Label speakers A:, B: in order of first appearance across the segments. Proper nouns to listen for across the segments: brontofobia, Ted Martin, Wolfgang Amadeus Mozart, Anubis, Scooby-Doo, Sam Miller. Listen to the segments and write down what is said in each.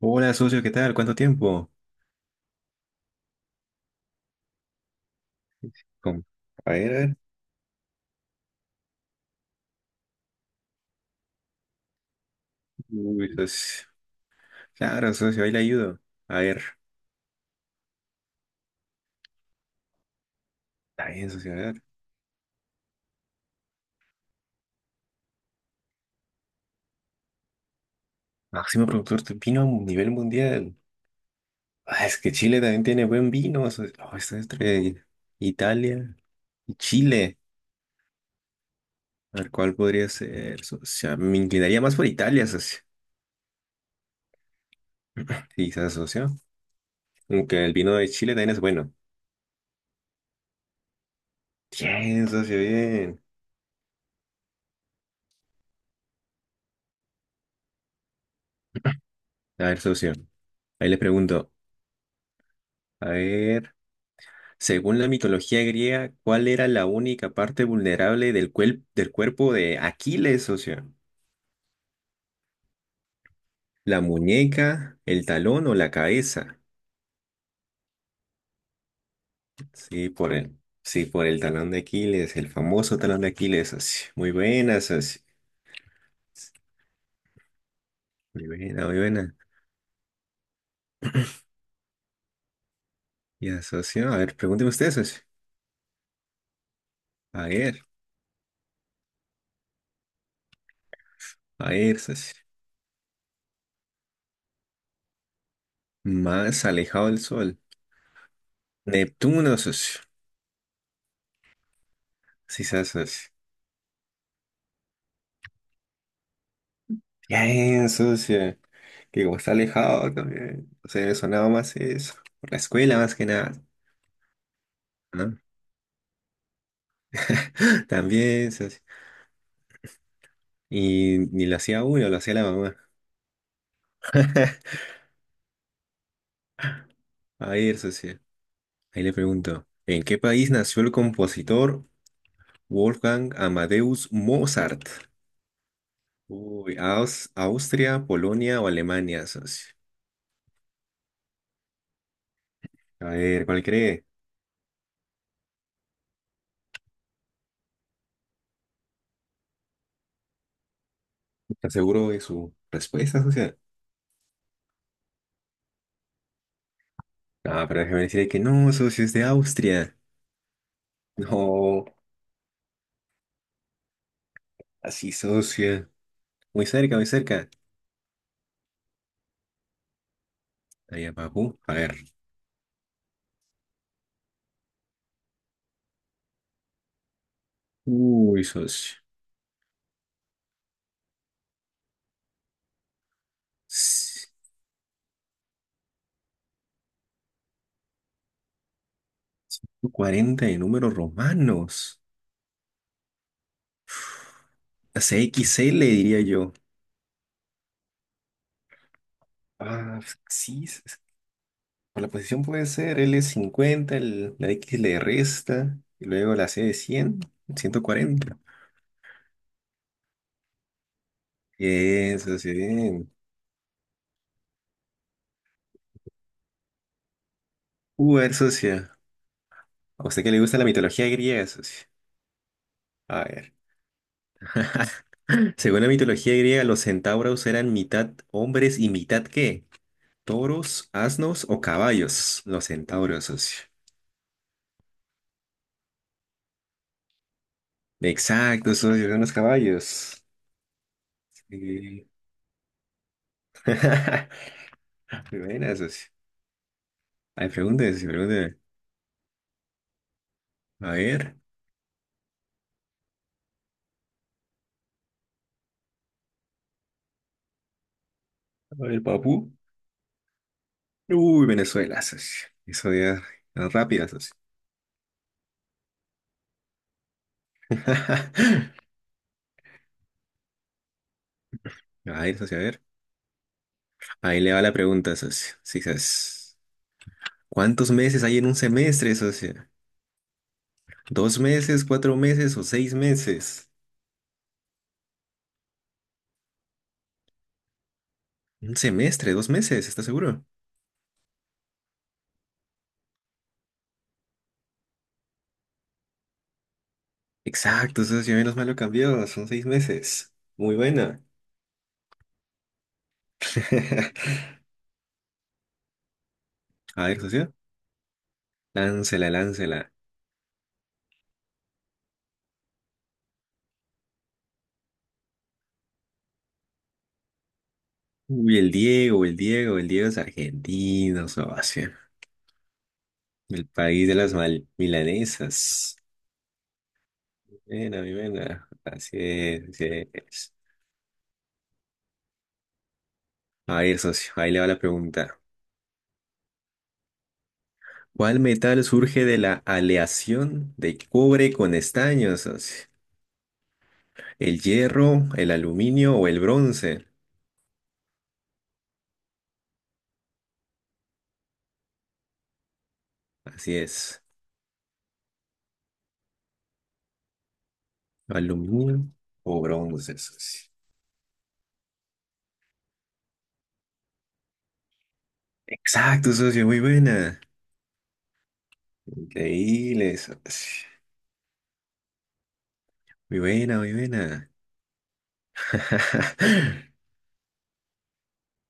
A: Hola, socio, ¿qué tal? ¿Cuánto tiempo? Com- A ver, a ver. Uy, socio. Claro, socio, ahí le ayudo. A ver, está bien, socio, a ver. Máximo productor de vino a nivel mundial. Ah, es que Chile también tiene buen vino, socio. Oh, está entre Italia y Chile. A ver, ¿cuál podría ser, socio? Ah, me inclinaría más por Italia, socio. Quizás, socio. Aunque el vino de Chile también es bueno. Bien, socio, bien. A ver, socio, ahí le pregunto. A ver. Según la mitología griega, ¿cuál era la única parte vulnerable del cuerpo de Aquiles, socio? ¿La muñeca, el talón o la cabeza? Sí, por el, sí, por el talón de Aquiles, el famoso talón de Aquiles, socio. Muy buena, socio. Muy buena, muy buena. Ya, socio, a ver, pregúnteme usted, socio. A ver, a ver, socio. Más alejado del sol. Neptuno, socio. Sí, sí, socio. Bien, socio. Que como está alejado también, o sea, me sonaba más eso, por la escuela más que nada, ¿no? También, socio. Y ni lo hacía uno, lo hacía la mamá. A ver, socio, ahí le pregunto, ¿en qué país nació el compositor Wolfgang Amadeus Mozart? Uy, Austria, Polonia o Alemania, socio. A ver, ¿cuál cree? ¿Está seguro de su respuesta, socio? Ah, pero déjeme decirle que no, socio, es de Austria. No, así, socio. Muy cerca, muy cerca. Allá, abajo. A ver. Uy, socio. S- 40 de números romanos. CXL, le diría yo. Ah, sí. Por la posición puede ser L 50, la X le resta, y luego la C de 100, 140. Bien, socio, bien. A ver, socio. ¿A usted que le gusta la mitología griega, socio? A ver. Según la mitología griega, los centauros eran mitad hombres y mitad ¿qué? Toros, asnos o caballos. Los centauros, socio. Exacto, socio, son los caballos. Sí. Muy buena, socio. Ay, pregúntese, sí, pregúntese. A ver, a ver, papu. Uy, Venezuela, socio. Eso ya es rápida, socio. A ver, socio, a ver. Ahí le va la pregunta, socio. Sí, ¿sabes? ¿Cuántos meses hay en un semestre, socio? ¿2 meses, 4 meses o 6 meses? Un semestre, 2 meses, ¿estás seguro? Exacto, socio, menos mal lo cambió, son 6 meses. Muy buena. A ver, socio, láncela, láncela. Uy, el Diego, el Diego, el Diego es argentino, socio. El país de las milanesas. Buena, mi buena. Así es, así es. A ver, socio, ahí le va la pregunta. ¿Cuál metal surge de la aleación de cobre con estaño, socio? ¿El hierro, el aluminio o el bronce? Así es. Aluminio o bronce, socio. Exacto, socio, muy buena. Increíble, socio. Muy buena, muy buena.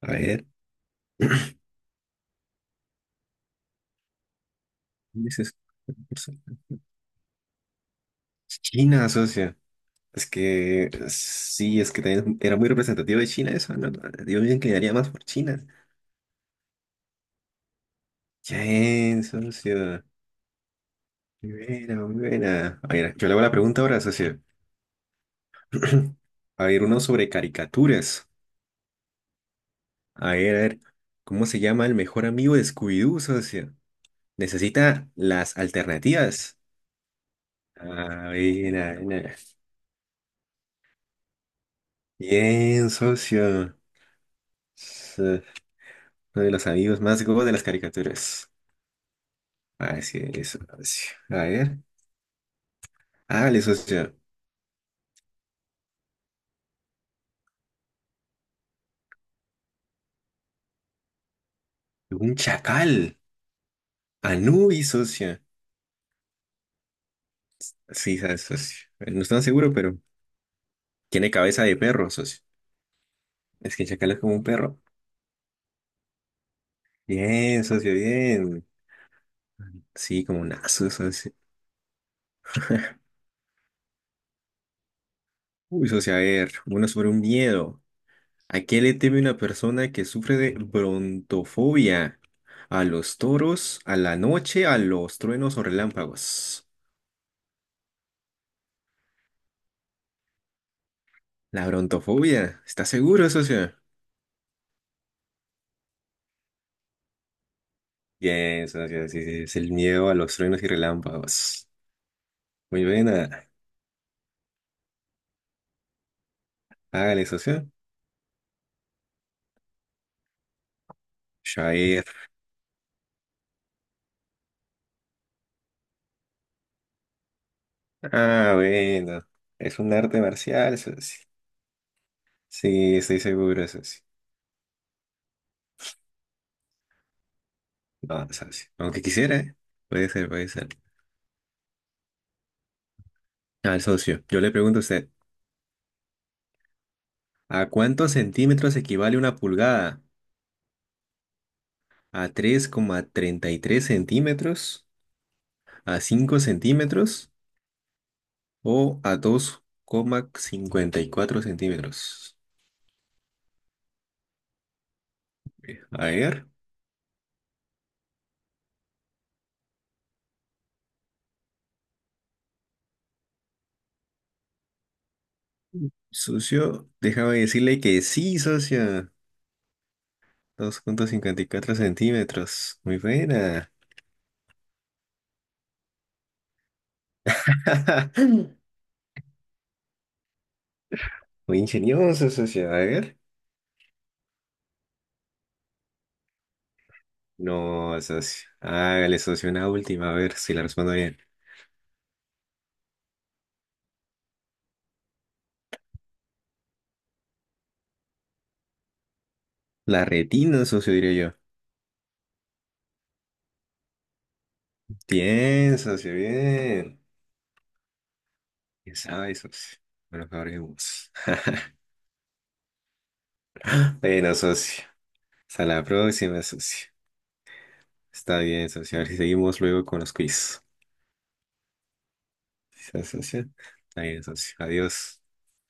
A: A ver, ¿dónde es eso? China, socio. Es que sí, es que también era muy representativo de China eso, ¿no? Yo me inclinaría más por China. Bien, socio. Muy buena, muy buena. A ver, yo le hago la pregunta ahora, socio. A ver, uno sobre caricaturas. A ver, ¿cómo se llama el mejor amigo de Scooby-Doo, socio? Necesita las alternativas. A ver, a ver. Bien, socio. Es, eh, Uno de los amigos más go de las caricaturas. Así es, socio. A ver. Hágale, socio. Un chacal. Anubis, socio. Sí, sabes, socio. No estoy tan seguro, pero tiene cabeza de perro, socio. Es que el chacal es como un perro. Bien, socio, bien. Sí, como un aso, socio. Uy, socio, a ver, uno sobre un miedo. ¿A qué le teme una persona que sufre de brontofobia? ¿A los toros, a la noche, a los truenos o relámpagos? La brontofobia, ¿estás seguro, socio? Bien, socio, sí, sí, es el miedo a los truenos y relámpagos. Muy buena, hágale, socio. Shair. Ah, bueno, es un arte marcial, socio. Sí, estoy seguro, socio. No, socio, aunque quisiera, ¿eh? Puede ser, puede ser. Al socio, yo le pregunto a usted. ¿A cuántos centímetros equivale una pulgada? ¿A 3,33 centímetros? ¿A 5 centímetros? ¿O a 2,54 centímetros? A ver, socio, déjame decirle que sí, socio. 2,54 centímetros. Muy buena. Muy ingenioso, socio. A ver. No, socio. Hágale, socio, una última. A ver si la respondo bien. La retina, socio, diría. Bien, socio, bien. Ya sabes, socio. Bueno, que Bueno, socio. Hasta la próxima, socio. Está bien, socio. A ver si seguimos luego con los quiz. ¿Sí, socio? Está bien, socio. Adiós.